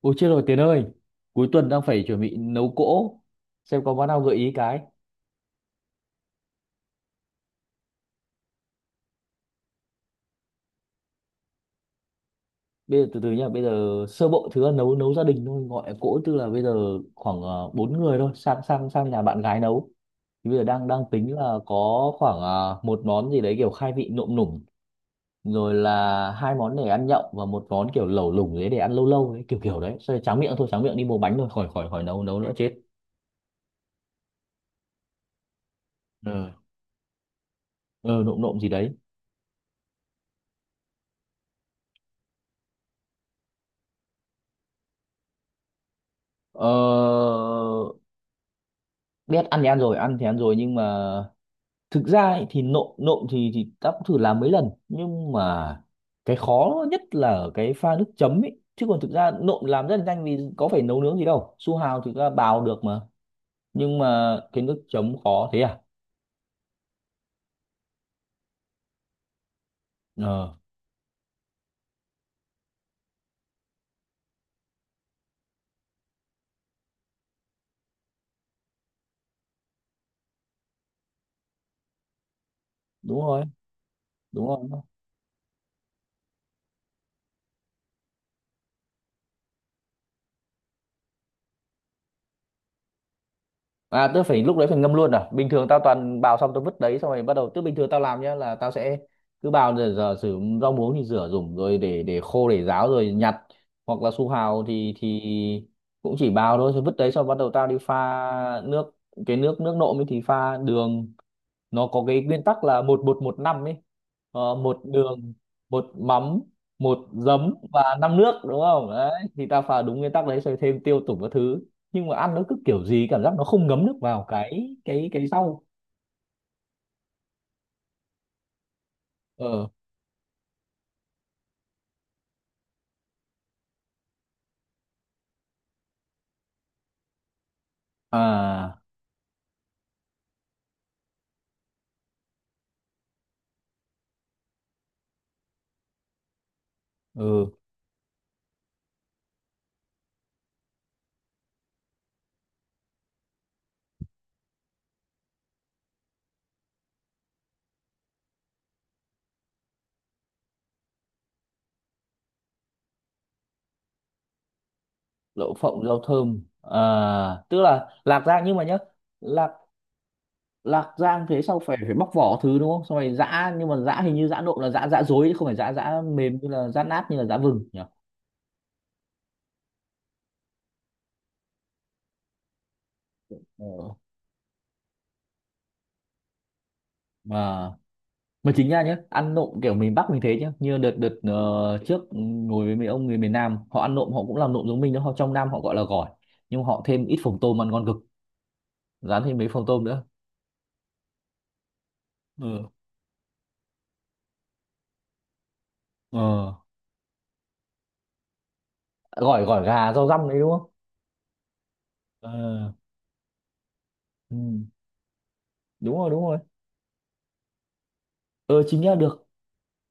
Ôi chết rồi Tiến ơi. Cuối tuần đang phải chuẩn bị nấu cỗ. Xem có món nào gợi ý cái. Bây giờ từ từ nhá. Bây giờ sơ bộ thứ là nấu nấu gia đình thôi. Gọi là cỗ, tức là bây giờ khoảng 4 người thôi. Sang sang sang nhà bạn gái nấu. Thì bây giờ đang đang tính là có khoảng một món gì đấy kiểu khai vị nộm nủng. Rồi là hai món để ăn nhậu. Và một món kiểu lẩu lủng đấy để ăn lâu lâu đấy. Kiểu kiểu đấy. Xong rồi tráng miệng thôi, tráng miệng đi mua bánh thôi. Khỏi khỏi khỏi nấu nấu nữa chết. Ờ. Ờ Nộm nộm gì đấy. Ờ Biết ăn thì ăn rồi, ăn thì ăn rồi, nhưng mà thực ra ấy, thì nộm nộm thì ta cũng thử làm mấy lần, nhưng mà cái khó nhất là ở cái pha nước chấm ấy, chứ còn thực ra nộm làm rất là nhanh, vì có phải nấu nướng gì đâu, su hào thì ta bào được mà. Nhưng mà cái nước chấm khó thế à? ờ Đúng rồi, đúng rồi. À tớ phải lúc đấy phải ngâm luôn à? Bình thường tao toàn bào xong tao vứt đấy. Xong rồi bắt đầu. Tức bình thường tao làm nhá là tao sẽ cứ bào, rồi giờ sử rau muống thì rửa dùng, rồi để khô để ráo rồi nhặt. Hoặc là su hào thì cũng chỉ bào thôi, rồi vứt đấy xong bắt đầu tao đi pha nước. Cái nước nước nộm ấy thì pha đường. Nó có cái nguyên tắc là một bột một năm ấy. Một đường, một mắm, một giấm và năm nước, đúng không? Đấy, thì ta pha đúng nguyên tắc đấy rồi thêm tiêu tủng các thứ. Nhưng mà ăn nó cứ kiểu gì cảm giác nó không ngấm được vào cái rau. Ờ. À. Ừ. Đậu phộng rau thơm à? Tức là lạc rang, nhưng mà nhá, lạc lạc rang thế sau phải phải bóc vỏ thứ đúng không, xong rồi giã. Nhưng mà giã hình như giã nộm là giã giã dối, chứ không phải giã giã mềm, như là giã nát, như là giã vừng nhỉ. ờ À mà chính ra nhá, ăn nộm kiểu miền Bắc mình thế nhá, như đợt đợt trước ngồi với mấy ông người miền Nam, họ ăn nộm họ cũng làm nộm giống mình đó, họ trong Nam họ gọi là gỏi. Nhưng họ thêm ít phồng tôm ăn ngon cực, dán thêm mấy phồng tôm nữa. Ừ. Ờ. gỏi Gỏi gà rau răm đấy đúng không? Ờ. Ừ, đúng rồi, đúng rồi. Ờ Chính ra được.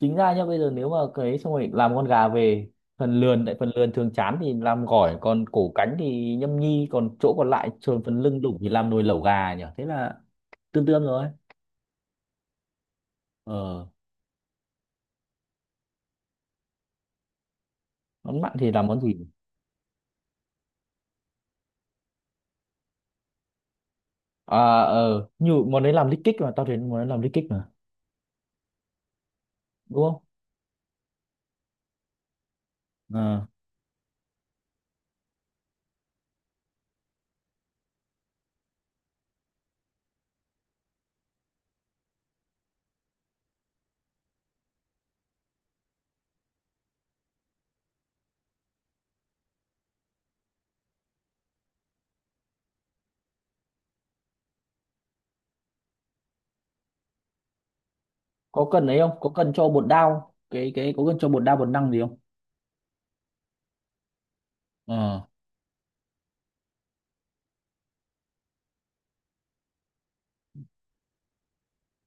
Chính ra nhá, bây giờ nếu mà cái, xong rồi làm con gà về, phần lườn, tại phần lườn thường chán thì làm gỏi, còn cổ cánh thì nhâm nhi, còn chỗ còn lại trồn phần lưng đủng thì làm nồi lẩu gà nhỉ, thế là tương tương rồi. ờ Món mặn thì làm món gì? À, như món đấy làm lít kích mà, tao thấy món đấy làm lít kích mà, đúng không? Ờ. Có cần ấy không, có cần cho bột đao, cái có cần cho bột đao bột năng gì không? ờ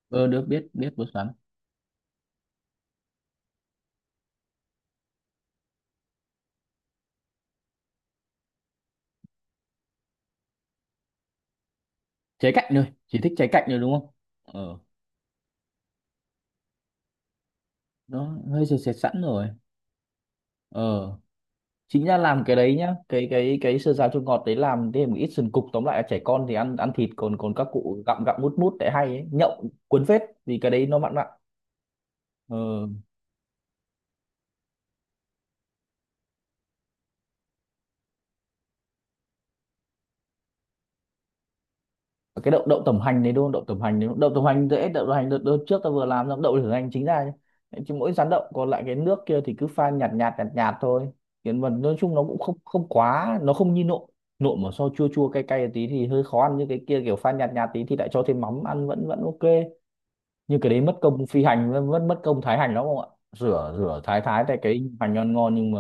ờ Được, biết biết bột sắn. Trái cạnh rồi, chỉ thích trái cạnh rồi đúng không? ờ nó hơi sệt sệt sẵn rồi. ờ Chính ra làm cái đấy nhá, cái sơ sáo chua ngọt đấy, làm thêm một ít sườn cục, tóm lại là trẻ con thì ăn ăn thịt, còn còn các cụ gặm gặm mút mút, để hay ấy nhậu cuốn phết vì cái đấy nó mặn mặn. ờ cái đậu đậu tẩm hành đấy đúng không, đậu tẩm hành đấy đúng không? Đậu tẩm hành dễ, đậu tẩm hành đợt trước ta vừa làm xong đậu tẩm hành, chính ra nhá. Chứ mỗi rán đậu còn lại cái nước kia thì cứ pha nhạt nhạt nhạt nhạt thôi. Hiện vật nói chung nó cũng không không quá, nó không như nộm. Nộm mà so chua chua cay cay tí thì hơi khó ăn, như cái kia kiểu pha nhạt nhạt tí thì lại cho thêm mắm ăn vẫn vẫn ok. Nhưng cái đấy mất công phi hành, mất mất mất công thái hành lắm không ạ. Rửa Rửa thái thái, tại cái hành ngon ngon, nhưng mà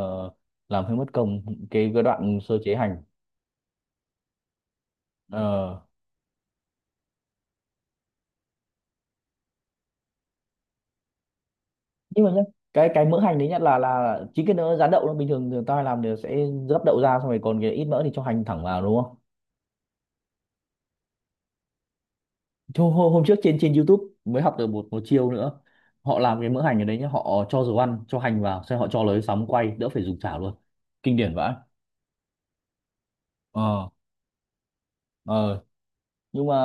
làm hơi mất công cái đoạn sơ chế hành. Ờ nhưng mà nhá, cái mỡ hành đấy, nhất là chính cái nó rán đậu, nó bình thường thường tao hay làm thì sẽ gấp đậu ra, xong rồi còn cái ít mỡ thì cho hành thẳng vào, đúng không? Thôi, hôm trước trên trên YouTube mới học được một một chiêu nữa, họ làm cái mỡ hành ở đấy nhá, họ cho dầu ăn cho hành vào, xong họ cho lấy sóng quay, đỡ phải dùng chảo luôn, kinh điển vãi. ờ ờ nhưng mà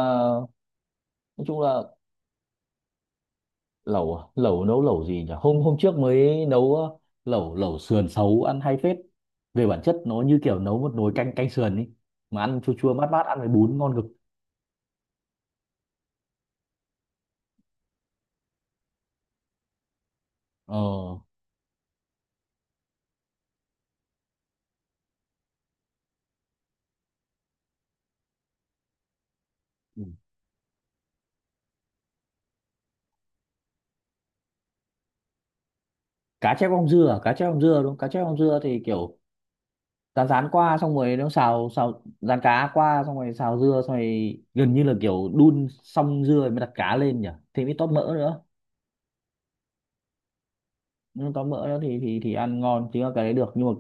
nói chung là lẩu à? Lẩu nấu lẩu gì nhỉ, hôm hôm trước mới nấu lẩu lẩu sườn xấu ăn hay phết. Về bản chất nó như kiểu nấu một nồi canh canh sườn ý, mà ăn chua chua mát mát ăn với bún ngon cực. Ờ. Ừ. Cá chép om dưa à? Cá chép om dưa đúng, cá chép om dưa thì kiểu rán rán qua, xong rồi nó xào xào rán cá qua xong rồi xào dưa, xong rồi gần như là kiểu đun xong dưa rồi mới đặt cá lên nhỉ, thì mới tóp mỡ nữa. Nhưng tóp mỡ nữa thì ăn ngon, chứ cái đấy được. Nhưng mà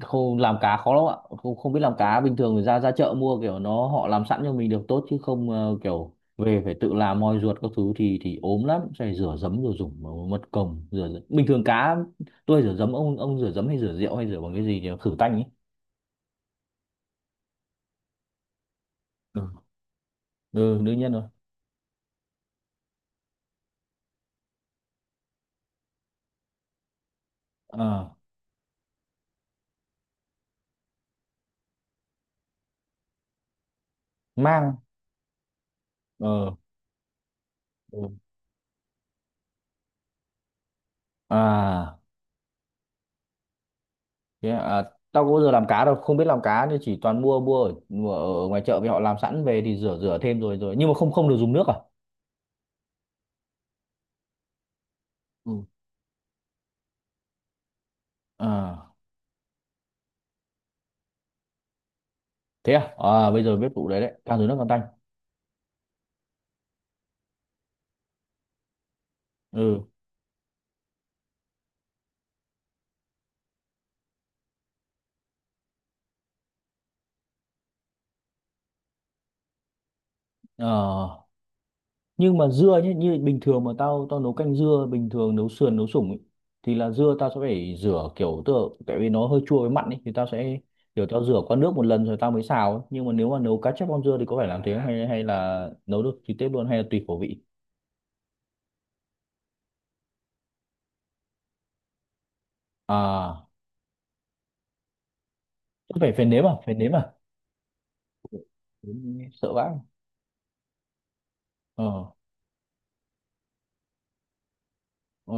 không làm cá khó lắm ạ, không không biết làm cá bình thường, thì ra ra chợ mua kiểu nó họ làm sẵn cho mình được tốt, chứ không kiểu về phải tự làm moi ruột các thứ thì ốm lắm, phải rửa giấm rồi dùng mật cồng rửa giấm. Bình thường cá tôi rửa giấm, ông rửa giấm hay rửa rượu hay rửa bằng cái gì nhỉ, khử tanh ấy. Ừ, ừ đương nhiên rồi. À. Mang. Ờ. Ừ. À, thế à. Tao có bao giờ làm cá đâu, không biết làm cá nên chỉ toàn mua mua ở ngoài chợ, vì họ làm sẵn về thì rửa rửa thêm rồi rồi. Nhưng mà không không được dùng nước à? Ừ. À thế à, bây giờ biết vụ đấy, càng dưới nước càng tanh. Ừ. Ờ, nhưng mà dưa nhé, như bình thường mà tao tao nấu canh dưa, bình thường nấu sườn nấu sủng ấy, thì là dưa tao sẽ phải rửa kiểu tựa, tại vì nó hơi chua với mặn ấy, thì tao sẽ kiểu tao rửa qua nước một lần rồi tao mới xào ấy. Nhưng mà nếu mà nấu cá chép con dưa thì có phải làm thế không? Hay Hay là nấu được trực tiếp luôn, hay là tùy khẩu vị? À chắc phải phải nếm à, phải nếm à. Nếm sợ vãi. ờ ờ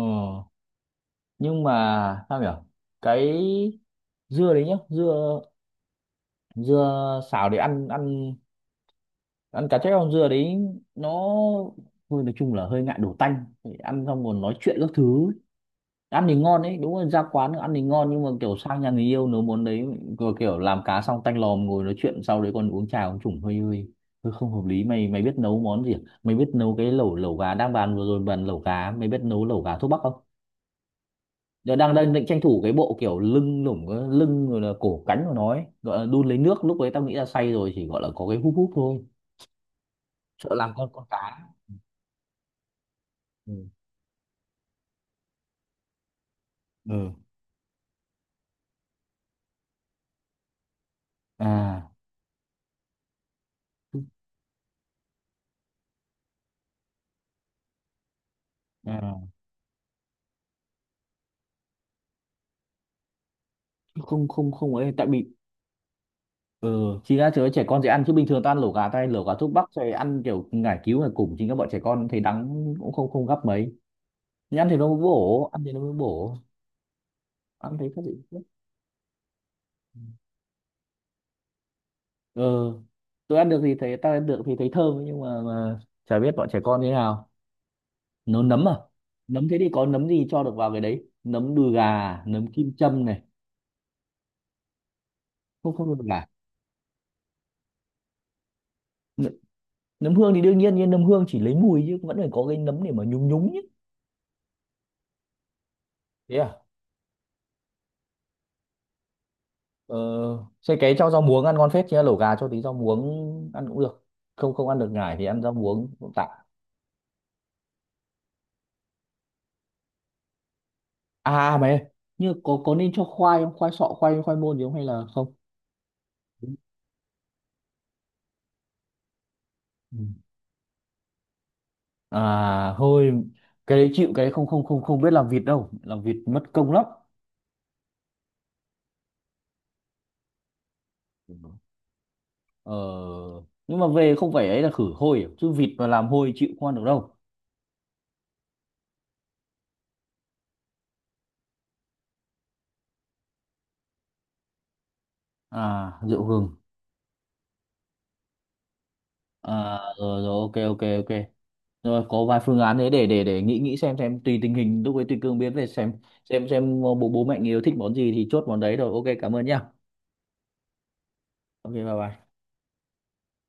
nhưng mà sao nhỉ, cái dưa đấy nhá, dưa dưa xào để ăn ăn ăn cá chép không, dưa đấy nó thôi, nói chung là hơi ngại đổ tanh. Phải ăn xong còn nói chuyện các thứ, ăn thì ngon đấy, đúng là ra quán ăn thì ngon, nhưng mà kiểu sang nhà người yêu nấu món đấy, vừa kiểu làm cá xong tanh lòm, ngồi nói chuyện sau đấy còn uống trà uống chủng hơi hơi hơi không hợp lý. Mày Mày biết nấu món gì à? Mày biết nấu cái lẩu lẩu gà đang bàn vừa rồi, bàn lẩu gà, mày biết nấu lẩu gà thuốc bắc không? Giờ đang đang định tranh thủ cái bộ kiểu lưng lủng cái lưng, rồi là cổ cánh của nó ấy, gọi là đun lấy nước, lúc đấy tao nghĩ là say rồi chỉ gọi là có cái húp húp thôi, sợ làm con cá. Ừ. Ừ. À. À. Không, không, không ấy, tại vì ừ, chính ra chớ trẻ con dễ ăn, chứ bình thường ta ăn lẩu gà tay lẩu gà thuốc bắc rồi ăn kiểu ngải cứu ngải củng, chính các bọn trẻ con thấy đắng cũng không không gấp mấy. Nhưng ăn thì nó mới bổ, ăn thì nó mới bổ, ăn thấy các vị. ờ tôi ăn được thì thấy, ta ăn được thì thấy thơm, nhưng mà chả biết bọn trẻ con như thế nào. Nấu nấm à? Nấm thế thì có nấm gì cho được vào cái đấy, nấm đùi gà, nấm kim châm này. Không, không được gà, nấm hương thì đương nhiên, nhưng nấm hương chỉ lấy mùi, chứ vẫn phải có cái nấm để mà nhúng nhúng nhé. Thế à? ờ, Xay cái cho rau muống ăn ngon phết, chứ lẩu gà cho tí rau muống ăn cũng được, không không ăn được ngải thì ăn rau muống cũng tạm. À mày ơi, nhưng có nên cho khoai không, khoai sọ, khoai khoai môn gì không, hay là không? Ừ. À thôi, cái đấy chịu, cái đấy không không không không biết làm vịt đâu, làm vịt mất công lắm. Ừ. ờ nhưng mà về không phải ấy là khử hôi à? Chứ vịt mà làm hôi chịu không ăn được đâu. À rượu gừng. À rồi rồi, ok ok ok rồi, có vài phương án đấy để nghĩ nghĩ xem tùy tình hình lúc ấy tùy cương biến về xem, xem bố bố mẹ người yêu thích món gì thì chốt món đấy rồi, ok cảm ơn nhá. Ok bye bye.